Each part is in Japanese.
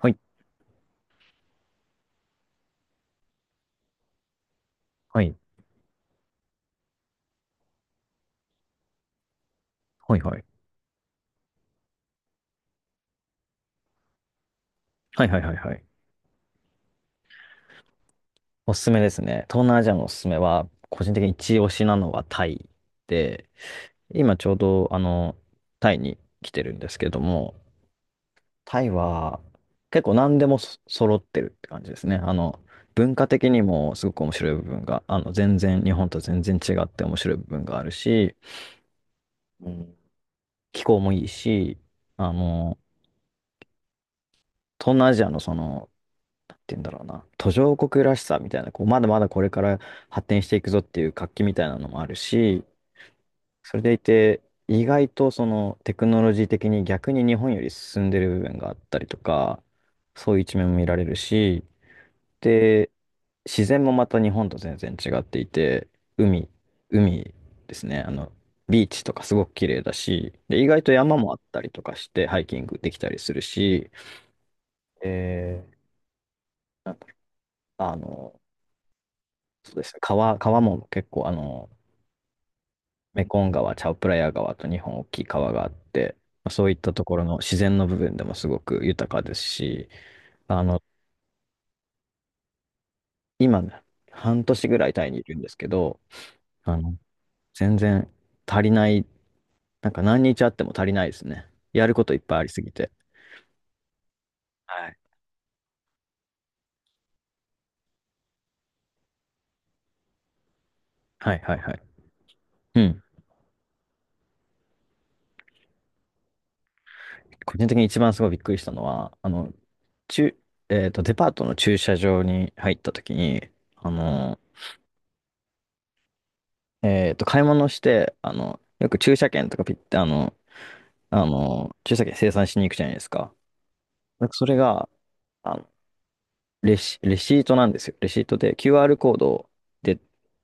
はい、はい、はい、はい。はい、はい、はい、はい。おすすめですね。東南アジアのおすすめは、個人的に一押しなのはタイで、今ちょうど、タイに来てるんですけども、タイは結構何でも揃ってるって感じですね。文化的にもすごく面白い部分が、全然、日本と全然違って面白い部分があるし、うん気候もいいし、あの、東南アジアのそのなんて言うんだろうな、途上国らしさみたいな、こう、まだまだこれから発展していくぞっていう活気みたいなのもあるし、それでいて、意外とそのテクノロジー的に逆に日本より進んでる部分があったりとか、そういう一面も見られるし、で、自然もまた日本と全然違っていて、海、海ですね、ビーチとかすごく綺麗だし、で、意外と山もあったりとかして、ハイキングできたりするし、えー、なんかあの、そうですね。川も結構、メコン川、チャオプラヤ川と日本大きい川があって、まあそういったところの自然の部分でもすごく豊かですし、あの、今ね、半年ぐらいタイにいるんですけど、あの、全然足りない、なんか何日あっても足りないですね。やることいっぱいありすぎて。はい。はいはいはい。うん。個人的に一番すごいびっくりしたのは、あの、中、えっと、デパートの駐車場に入った時に、あの、買い物して、よく駐車券とかピッて、駐車券生産しに行くじゃないですか。なんかそれが、あの、レシートなんですよ。レシートで QR コードで、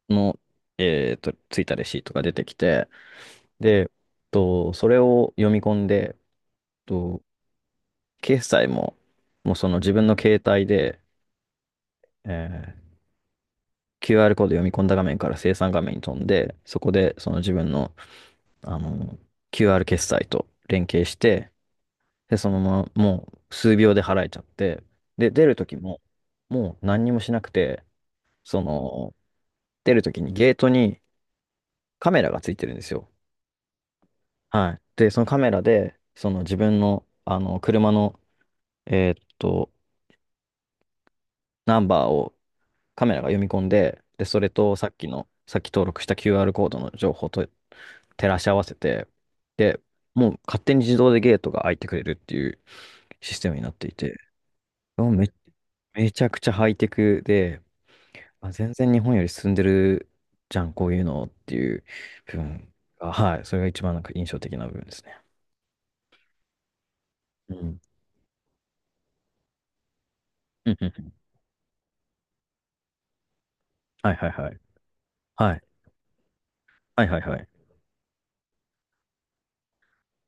のついたレシートが出てきて、で、それを読み込んで、と、決済も、もうその自分の携帯で、えー QR コード読み込んだ画面から生産画面に飛んで、そこでその自分の、あの、QR 決済と連携して、で、そのまま、もう数秒で払えちゃって、で、出る時も、もう何にもしなくて、その、出る時にゲートにカメラがついてるんですよ。はい。で、そのカメラで、その自分の、車の、えーっと、ナンバーをカメラが読み込んで、で、それとさっき登録した QR コードの情報と照らし合わせて、で、もう勝手に自動でゲートが開いてくれるっていうシステムになっていて、もうめちゃくちゃハイテクで、まあ、全然日本より進んでるじゃん、こういうのっていう部分が、はい、それが一番なんか印象的な部分ですね。うん。うんうんうん。はいはいはい。はい。はいはいはい。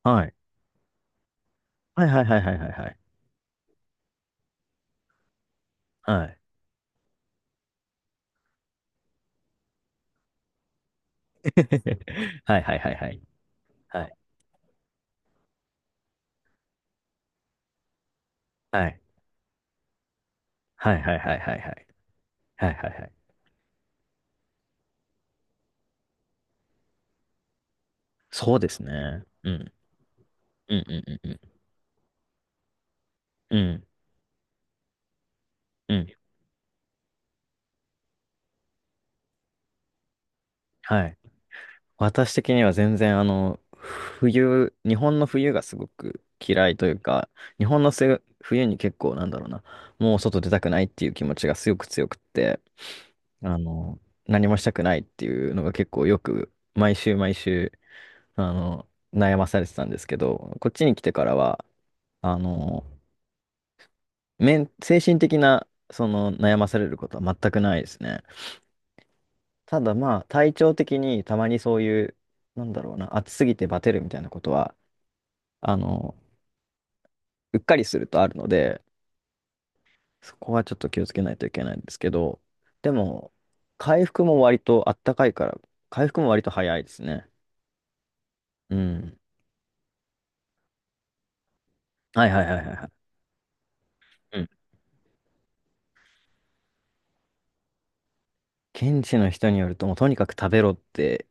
はい。はいはいはいはいはいはい。はい。はいはいはいはい。はい。はい。はいはいはいはいはい。はいはいはい。そうですね。うん。うんうんうんうん。うん。うん。はい。私的には全然日本の冬がすごく嫌いというか、日本の冬に結構なんだろうな、もう外出たくないっていう気持ちがすごく強くって、あの、何もしたくないっていうのが結構よく、毎週毎週、あの、悩まされてたんですけど、こっちに来てからは、あの、精神的な、その悩まされることは全くないですね。ただまあ、体調的にたまにそういう、なんだろうな、暑すぎてバテるみたいなことは、あの、うっかりするとあるので、そこはちょっと気をつけないといけないんですけど、でも、回復も割とあったかいから、回復も割と早いですね。うん。はいはいはいはいはい。うん。現地の人によると、もうとにかく食べろって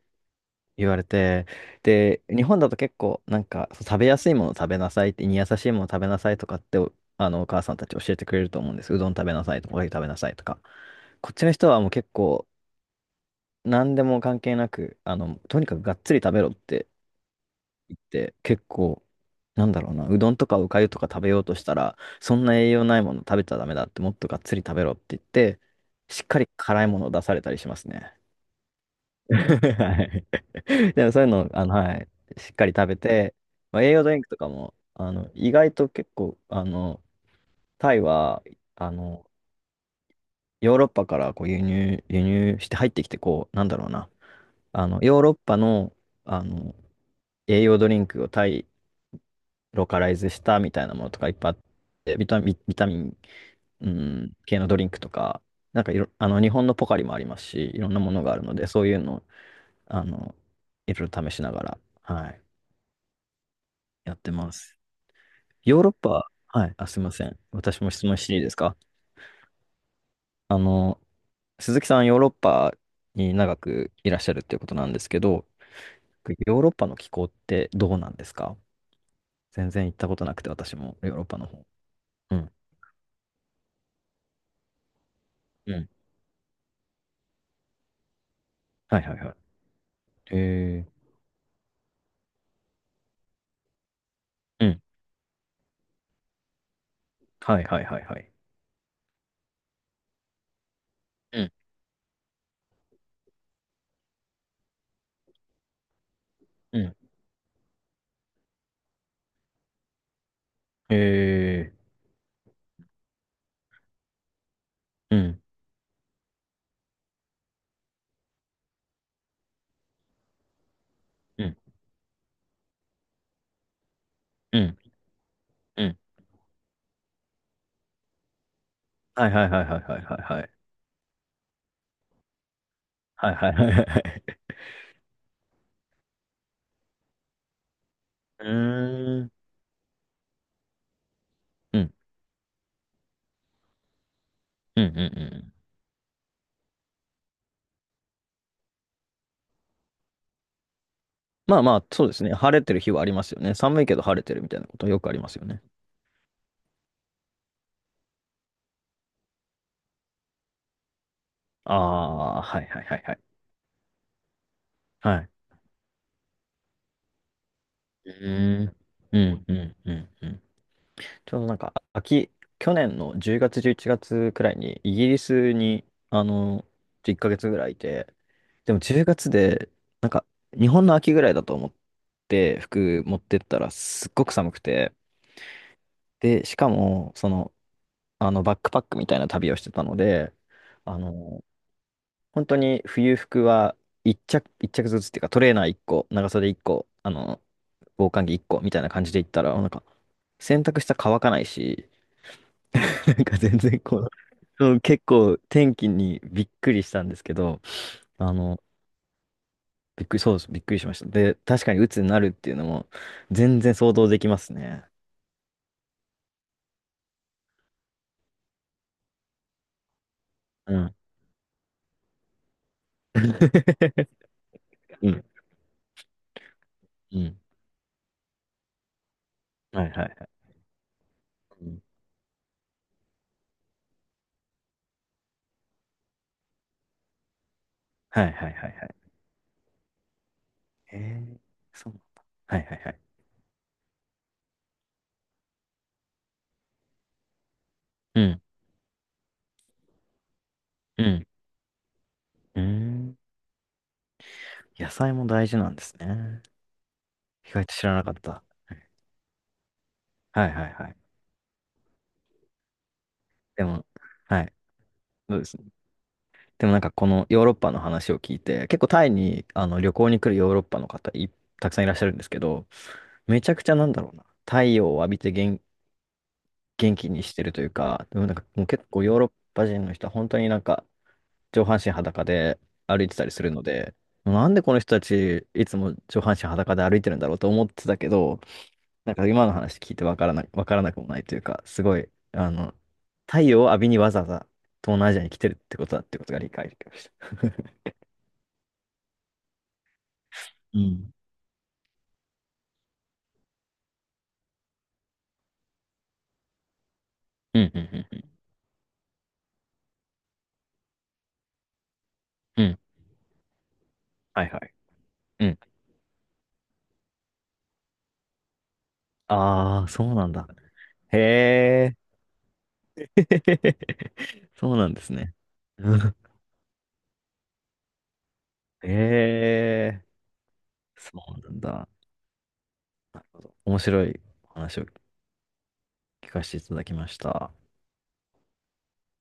言われて、で、日本だと結構、なんか、そう食べやすいもの食べなさいって、胃に優しいもの食べなさいとかって、おあの、お母さんたち教えてくれると思うんです。うどん食べなさいとか、おかゆ食べなさいとか。こっちの人はもう結構、何でも関係なく、とにかくがっつり食べろってって結構、なんだろうな、うどんとかおかゆとか食べようとしたら、そんな栄養ないもの食べちゃダメだって、もっとがっつり食べろって言って、しっかり辛いものを出されたりしますね。はい。でもそういうの、はい、しっかり食べて、まあ、栄養ドリンクとかも、意外と結構、タイは、あの、ヨーロッパからこう輸入して入ってきて、こう、なんだろうな、ヨーロッパの、あの、栄養ドリンクをタイローカライズしたみたいなものとかいっぱいあって、ビタミン系のドリンクとか、なんかいろ、あの、日本のポカリもありますし、いろんなものがあるので、そういうのを、あの、いろいろ試しながら、はい、やってます。ヨーロッパ、はい、あ、すいません。私も質問していいですか？あの、鈴木さん、ヨーロッパに長くいらっしゃるっていうことなんですけど、ヨーロッパの気候ってどうなんですか？全然行ったことなくて、私もヨーロッパの方。うん。うん。はいはいはい。へえ。はいはいはいはい。うんうん。えー。うんうんうんうん。はいはいはいはいはいはいはい。はいはいはいはいはい。うーんうんうんうんうん。まあまあ、そうですね。晴れてる日はありますよね。寒いけど晴れてるみたいなことよくありますよね。ああ、はいはいはいはい。はい。うーんうんうんうんうん。ちょうどなんか、去年の10月、11月くらいに、イギリスに、あの、1ヶ月ぐらいいて、でも10月で、なんか、日本の秋ぐらいだと思って、服持ってったら、すっごく寒くて、で、しかも、バックパックみたいな旅をしてたので、あの、本当に冬服は一着、一着ずつっていうか、トレーナー1個、長袖1個、防寒着1個みたいな感じで行ったら、なんか、洗濯したら乾かないし、なんか全然こう、そう、結構天気にびっくりしたんですけど、あの、びっくり、そうです、びっくりしました。で、確かに鬱になるっていうのも全然想像できますね。うん。うん。うん。はいはいはい。うん。はいはいはいはい。へえ、そうなんだ。はいはいはい。うん。うん。うーん。野菜も大事なんですね。意外と知らなかった。はいはいはい。でも、はい。でもなんかこのヨーロッパの話を聞いて、結構タイに旅行に来るヨーロッパのたくさんいらっしゃるんですけど、めちゃくちゃなんだろうな、太陽を浴びて元気にしてるというか、でもなんかもう結構ヨーロッパ人の人は本当になんか上半身裸で歩いてたりするので、なんでこの人たちいつも上半身裸で歩いてるんだろうと思ってたけど、なんか今の話聞いてわからなくもないというか、すごい、太陽を浴びにわざわざ東南アジアに来てるってことだってことが理解できました。うんうんうんうんうん。うん。はいはい。うん。ああ、そうなんだ。へえ、そうなんですね。うん。へえ、そうなんだ。なるほど。面白いお話を聞かせていただきました。